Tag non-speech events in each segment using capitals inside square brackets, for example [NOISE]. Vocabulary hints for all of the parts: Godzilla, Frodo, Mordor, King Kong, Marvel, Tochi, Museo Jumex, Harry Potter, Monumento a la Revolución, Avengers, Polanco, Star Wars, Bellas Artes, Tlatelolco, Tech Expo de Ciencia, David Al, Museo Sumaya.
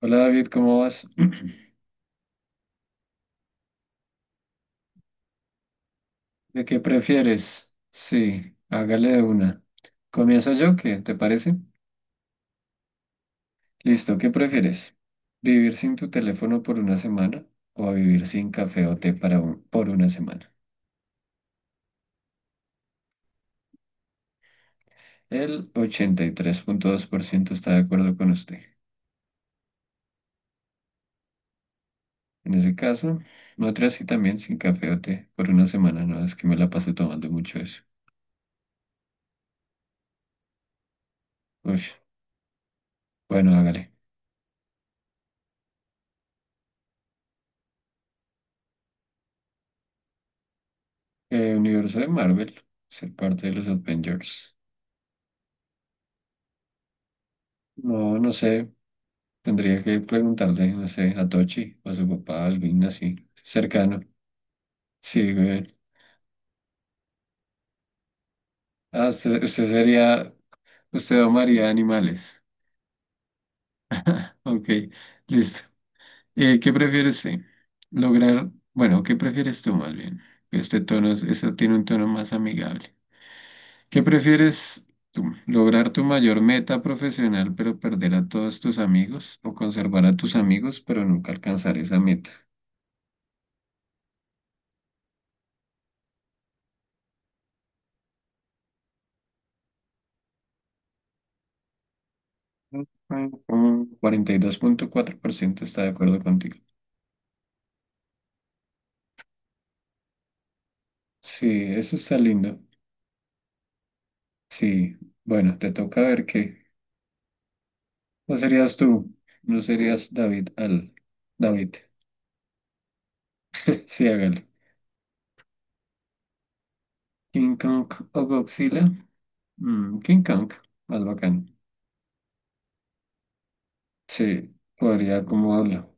Hola David, ¿cómo vas? [CLEARS THROAT] ¿De qué prefieres? Sí, hágale de una. ¿Comienzo yo? ¿Qué te parece? Listo, ¿qué prefieres? ¿Vivir sin tu teléfono por una semana o vivir sin café o té para por una semana? El 83.2% está de acuerdo con usted. En ese caso, otra sí también sin café o té por una semana, no es que me la pasé tomando mucho eso. Uy, bueno, hágale. Universo de Marvel, ser parte de los Avengers. No, no sé. Tendría que preguntarle, no sé, a Tochi o a su papá, alguien así, cercano. Sí, güey. Ah, usted sería, usted amaría animales. Ok, listo. ¿Qué prefiere usted? Lograr, bueno, ¿qué prefieres tú más bien? Este tono, este tiene un tono más amigable. ¿Qué prefieres tú? ¿Lograr tu mayor meta profesional pero perder a todos tus amigos? ¿O conservar a tus amigos pero nunca alcanzar esa meta? 42.4% está de acuerdo contigo. Sí, eso está lindo. Sí, bueno, te toca ver qué. No serías tú, no serías David Al. David, [LAUGHS] sí, hágale. King Kong o Godzilla. King Kong, más bacán. Sí, podría como habla.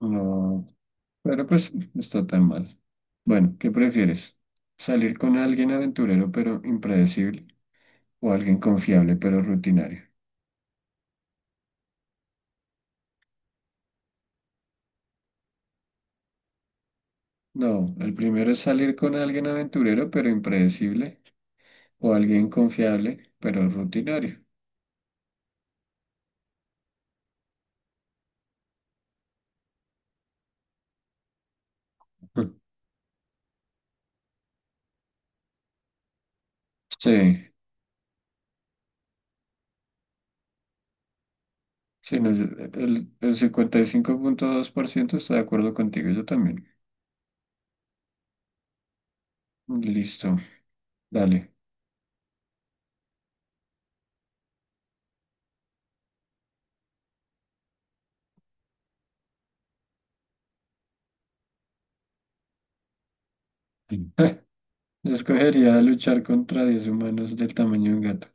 No, pero pues no está tan mal. Bueno, ¿qué prefieres? ¿Salir con alguien aventurero pero impredecible o alguien confiable pero rutinario? No, el primero es salir con alguien aventurero pero impredecible o alguien confiable pero rutinario. [LAUGHS] Sí, sí, no, el 55.2% está de acuerdo contigo, yo también. Listo, dale. Mm. [LAUGHS] Yo escogería luchar contra 10 humanos del tamaño de un gato.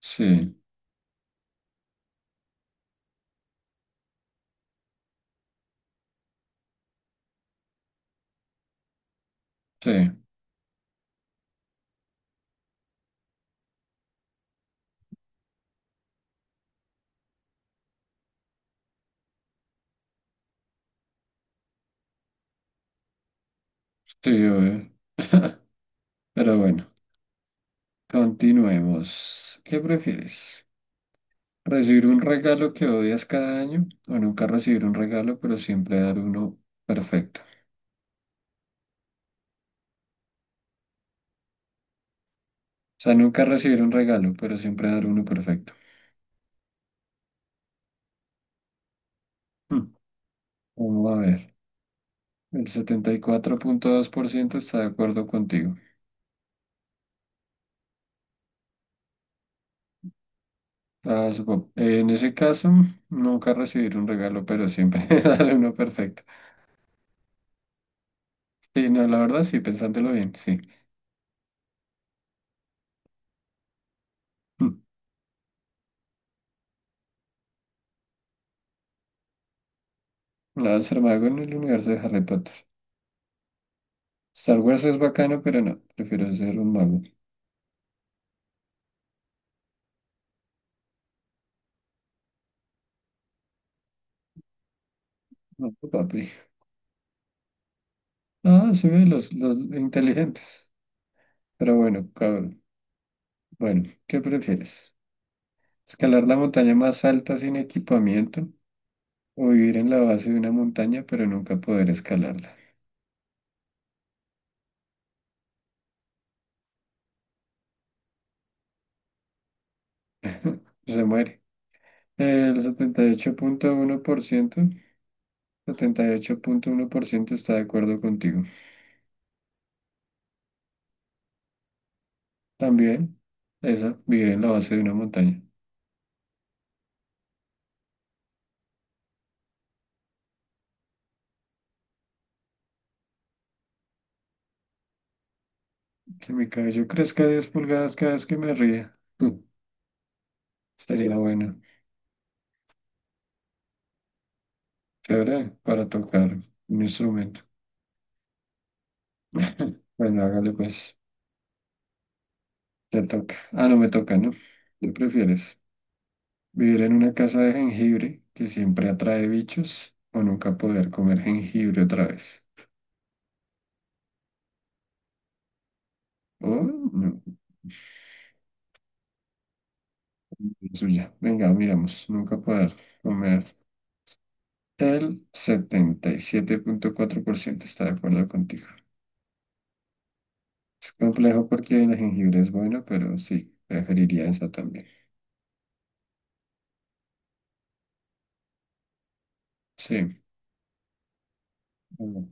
Sí, sí, sí, obvio. [LAUGHS] Pero bueno, continuemos. ¿Qué prefieres? Recibir un regalo que odias cada año o nunca recibir un regalo, pero siempre dar uno perfecto. O sea, nunca recibir un regalo, pero siempre dar uno perfecto. Hmm, Vamos a ver. El 74.2% está de acuerdo contigo. Ah, en ese caso, nunca recibir un regalo, pero siempre [LAUGHS] dar uno perfecto. Sí, no, la verdad, sí, pensándolo bien, sí. Hmm. No, ser mago en el universo de Harry Potter. Star Wars es bacano, pero no, prefiero ser un mago. No, papi. Ah, sí, los inteligentes. Pero bueno, cabrón. Bueno, ¿qué prefieres? ¿Escalar la montaña más alta sin equipamiento o vivir en la base de una montaña pero nunca poder escalarla? [LAUGHS] Se muere. El setenta y ocho punto uno por ciento, 78.1% está de acuerdo contigo. También, esa, vivir en la base de una montaña. Que mi cabello crezca 10 pulgadas cada vez que me ría. [LAUGHS] Sería bueno. Chévere para tocar un instrumento. [CLEARS THROAT] Bueno, hágale pues, te toca. Ah, no me toca, ¿no? ¿Qué prefieres? ¿Vivir en una casa de jengibre que siempre atrae bichos o nunca poder comer jengibre otra vez? O no, la suya. Venga, miramos, nunca poder comer. El 77.4% está de acuerdo contigo. Es complejo porque el jengibre es bueno, pero sí, preferiría esa también. Sí. Bueno.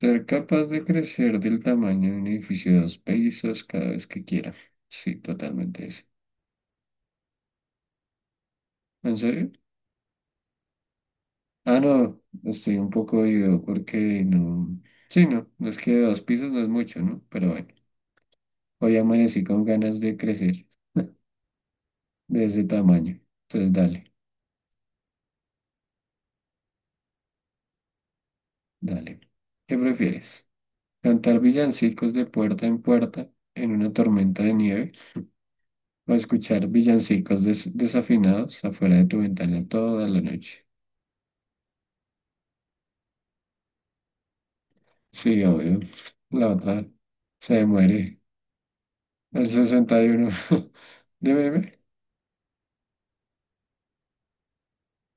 Ser capaz de crecer del tamaño de un edificio de dos pisos cada vez que quiera. Sí, totalmente eso. ¿En serio? Ah, no, estoy un poco ido porque no. Sí, no, no es que de dos pisos no es mucho, ¿no? Pero bueno, hoy amanecí con ganas de crecer [LAUGHS] de ese tamaño. Entonces, dale, dale. ¿Qué prefieres? ¿Cantar villancicos de puerta en puerta en una tormenta de nieve o escuchar villancicos desafinados afuera de tu ventana toda la noche? Sí, obvio. La otra se muere. El sesenta y uno [LAUGHS] de bebé.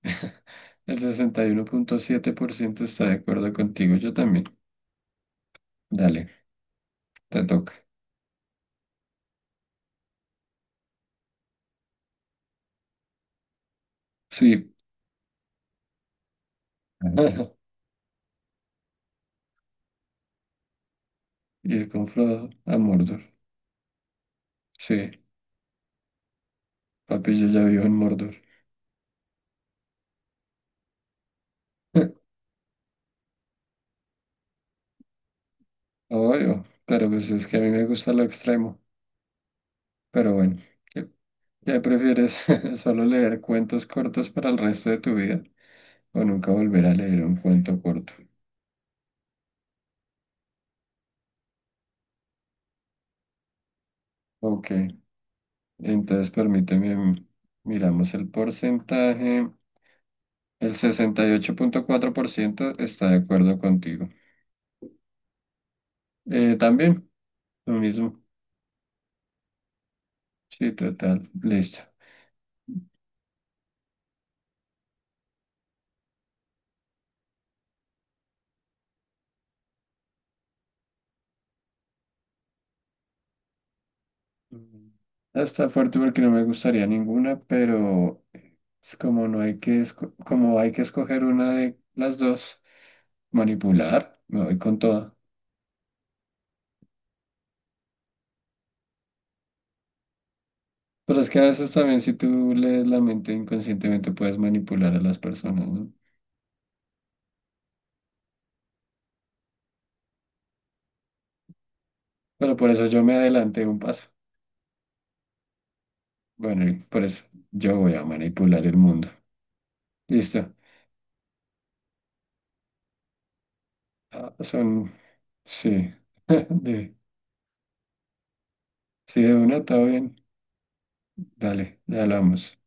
[LAUGHS] El 61.7% está de acuerdo contigo. Yo también. Dale, te toca. Sí. Ajá. [LAUGHS] Ir con Frodo a Mordor. Sí, papi, yo ya vivo en Mordor. [LAUGHS] Obvio, pero pues es que a mí me gusta lo extremo. Pero bueno, ¿qué, qué prefieres? [LAUGHS] ¿Solo leer cuentos cortos para el resto de tu vida? ¿O nunca volver a leer un cuento corto? Ok. Entonces, permíteme, miramos el porcentaje. El 68.4% está de acuerdo contigo. También, lo mismo. Sí, total. Listo. Mm. Ah, está fuerte porque no me gustaría ninguna, pero es como no hay que como hay que escoger una de las dos, manipular, me voy con toda. Pero es que a veces también si tú lees la mente inconscientemente puedes manipular a las personas, ¿no? Pero por eso yo me adelanté un paso. Bueno, y por eso yo voy a manipular el mundo. Listo. Ah, son, sí, [LAUGHS] de, sí, de una, todo bien. Dale, ya hablamos.